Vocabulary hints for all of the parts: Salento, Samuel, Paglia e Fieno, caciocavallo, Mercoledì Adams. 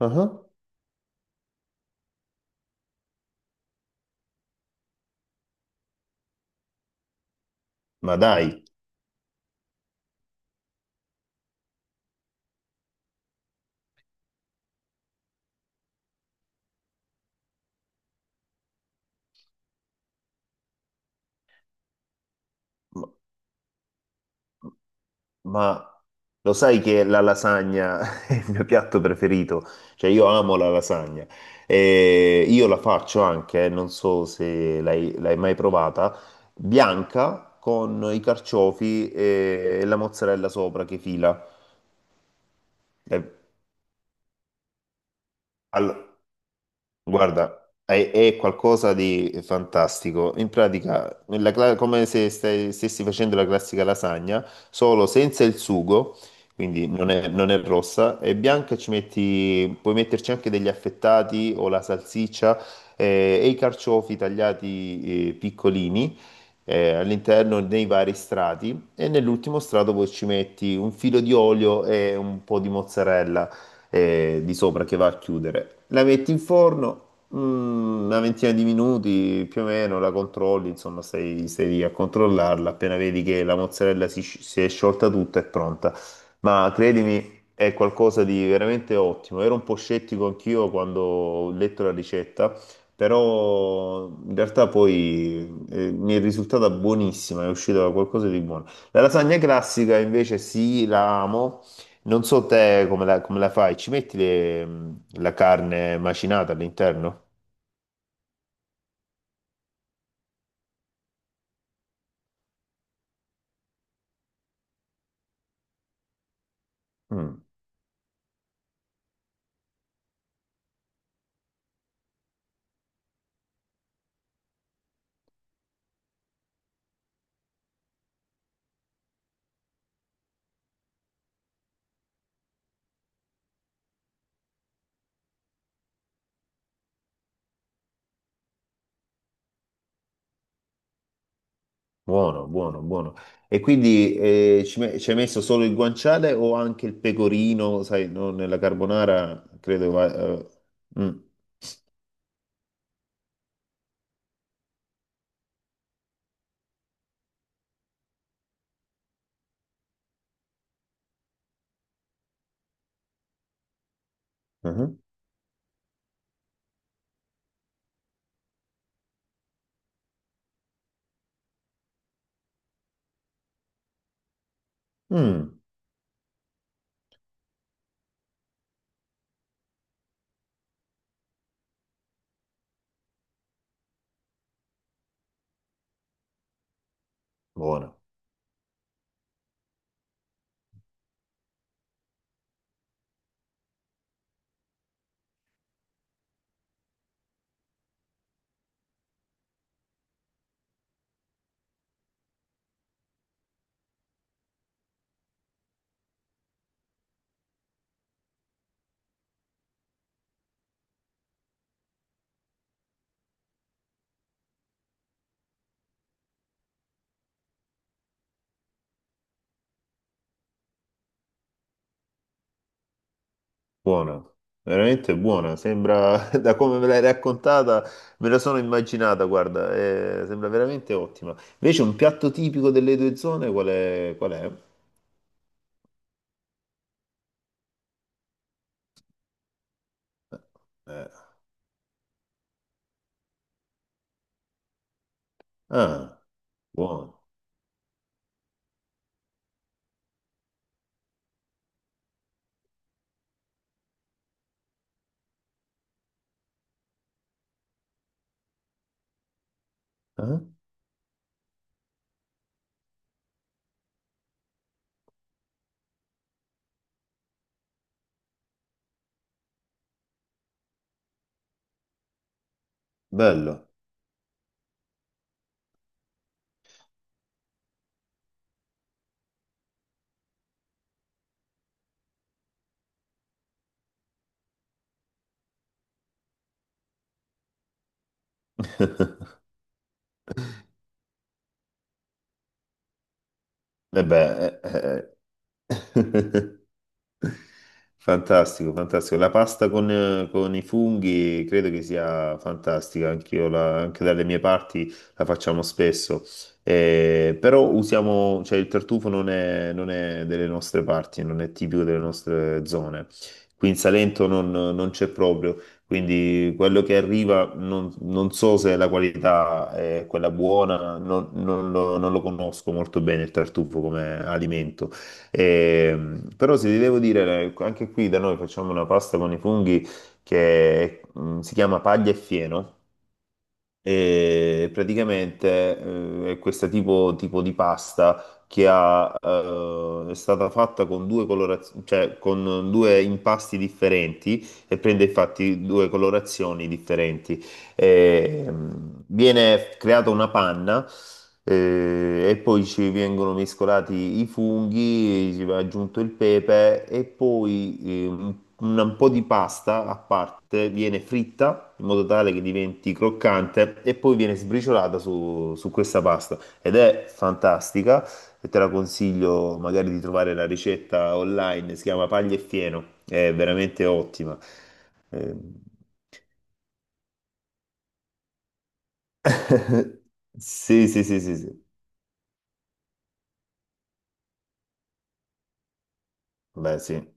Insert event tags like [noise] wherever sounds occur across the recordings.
Ah, ma dai, ma, ma lo sai che la lasagna [laughs] è il mio piatto preferito? Cioè io amo la lasagna e io la faccio anche, non so se l'hai mai provata, bianca con i carciofi e la mozzarella sopra che fila. E- all- Guarda, è qualcosa di fantastico. In pratica, come se stessi facendo la classica lasagna, solo senza il sugo, quindi non è rossa, è bianca e puoi metterci anche degli affettati o la salsiccia e i carciofi tagliati piccolini all'interno dei vari strati e nell'ultimo strato poi ci metti un filo di olio e un po' di mozzarella di sopra che va a chiudere. La metti in forno una ventina di minuti più o meno, la controlli, insomma, stai lì a controllarla. Appena vedi che la mozzarella si è sciolta tutta, è pronta. Ma credimi. È qualcosa di veramente ottimo. Ero un po' scettico anch'io quando ho letto la ricetta, però in realtà poi mi è risultata buonissima, è uscita qualcosa di buono. La lasagna classica invece sì, la amo, non so te come la fai, ci metti la carne macinata all'interno? Mm, buono, buono, buono. E quindi ci hai messo solo il guanciale o anche il pecorino, sai, no, nella carbonara, credo va. Mm, mhm. Mm, buona, buona, veramente buona, sembra, [laughs] da come me l'hai raccontata, me la sono immaginata, guarda, sembra veramente ottima. Invece un piatto tipico delle due zone, qual è? Qual è? Eh, Ah. Buono. Eh? Bello. E beh, eh. [laughs] Fantastico, fantastico. La pasta con i funghi credo che sia fantastica, anch'io anche dalle mie parti la facciamo spesso. Però usiamo, cioè il tartufo non è delle nostre parti, non è tipico delle nostre zone. Qui in Salento non c'è proprio, quindi quello che arriva non so se la qualità è quella buona, non lo conosco molto bene il tartufo come alimento. E però se ti devo dire, anche qui da noi facciamo una pasta con i funghi che si chiama paglia e fieno. E praticamente è questo tipo di pasta è stata fatta con due colorazioni, cioè con due impasti differenti e prende infatti due colorazioni differenti. E, viene creata una panna, e poi ci vengono mescolati i funghi, ci va aggiunto il pepe e poi un un po' di pasta a parte viene fritta in modo tale che diventi croccante e poi viene sbriciolata su questa pasta ed è fantastica e te la consiglio magari di trovare la ricetta online, si chiama Paglia e Fieno, è veramente ottima. Eh, [laughs] Sì, sì, sì, sì, sì. Beh, sì.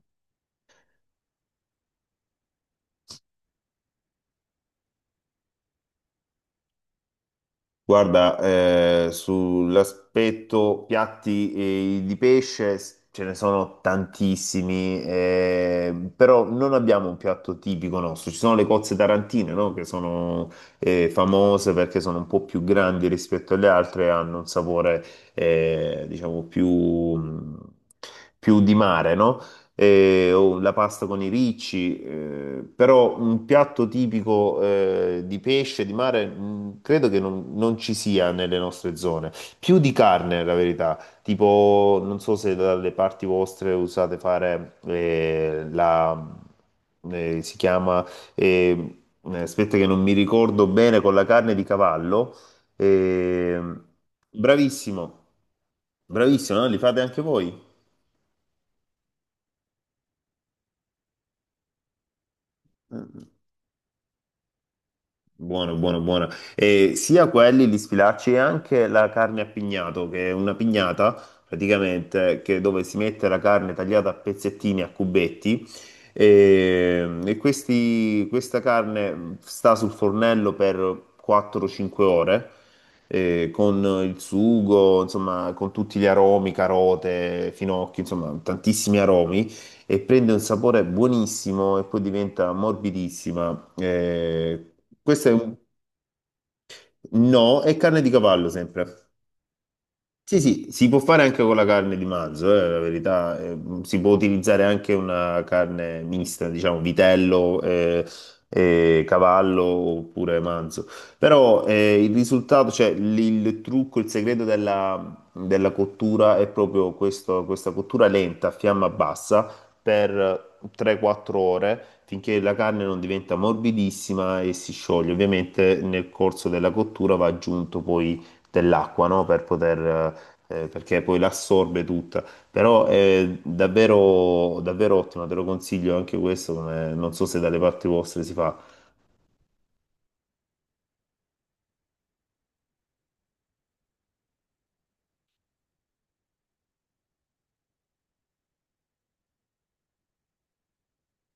Guarda, sull'aspetto piatti di pesce ce ne sono tantissimi, però non abbiamo un piatto tipico nostro. Ci sono le cozze tarantine, no? Che sono famose perché sono un po' più grandi rispetto alle altre e hanno un sapore, diciamo, più di mare, no? O la pasta con i ricci, però un piatto tipico di pesce, di mare, credo che non ci sia nelle nostre zone. Più di carne, la verità. Tipo, non so se dalle parti vostre usate fare la, si chiama, eh, aspetta che non mi ricordo bene, con la carne di cavallo. Eh, bravissimo, bravissimo, no? Li fate anche voi? Buono, buono, buono. E sia quelli li sfilacci e anche la carne a pignato, che è una pignata praticamente che dove si mette la carne tagliata a pezzettini, a cubetti. E questa carne sta sul fornello per 4-5 ore con il sugo, insomma, con tutti gli aromi, carote, finocchi, insomma, tantissimi aromi e prende un sapore buonissimo e poi diventa morbidissima. Questo è un... No, è carne di cavallo sempre. Sì, sì, si può fare anche con la carne di manzo, la verità, si può utilizzare anche una carne mista, diciamo vitello, cavallo oppure manzo, però il risultato, cioè il trucco, il segreto della cottura è proprio questa cottura lenta a fiamma bassa per 3-4 ore finché la carne non diventa morbidissima e si scioglie. Ovviamente nel corso della cottura va aggiunto poi dell'acqua, no? Perché poi l'assorbe tutta. Però è davvero, davvero ottimo, te lo consiglio anche questo, non so se dalle parti vostre si fa.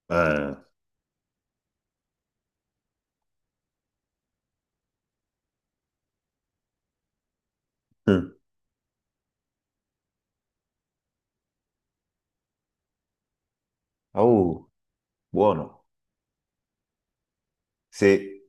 Eh. Mm. Oh, buono. Sì.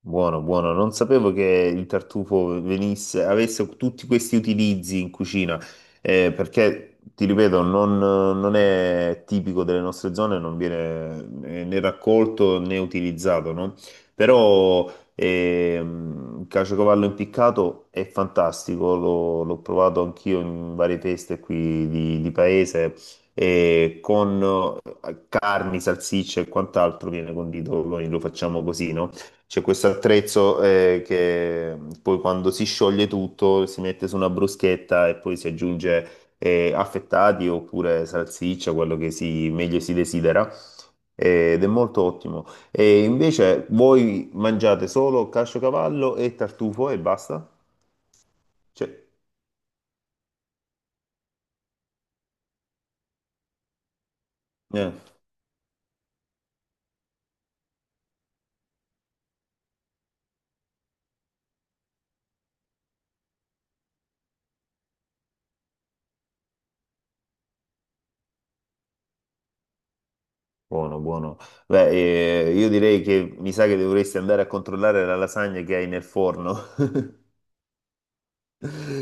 Buono, buono. Non sapevo che il tartufo venisse, avesse tutti questi utilizzi in cucina, perché, ti ripeto, non è tipico delle nostre zone, non viene né raccolto né utilizzato, no? Però il caciocavallo impiccato è fantastico, l'ho provato anch'io in varie feste qui di paese, e con carni, salsicce e quant'altro viene condito, noi lo facciamo così, no? C'è questo attrezzo che poi quando si scioglie tutto si mette su una bruschetta e poi si aggiunge affettati oppure salsiccia, quello che si, meglio si desidera. Ed è molto ottimo. E invece voi mangiate solo casciocavallo e tartufo e basta? Cioè, eh, buono, buono. Beh, io direi che mi sa che dovresti andare a controllare la lasagna che hai nel forno. [laughs]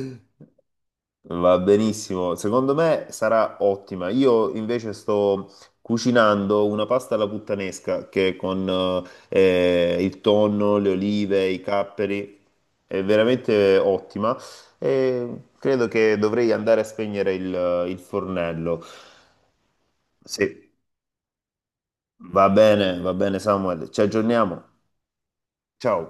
Va benissimo, secondo me sarà ottima. Io invece sto cucinando una pasta alla puttanesca che con il tonno, le olive, i capperi è veramente ottima e credo che dovrei andare a spegnere il fornello. Sì, va bene Samuel, ci aggiorniamo. Ciao.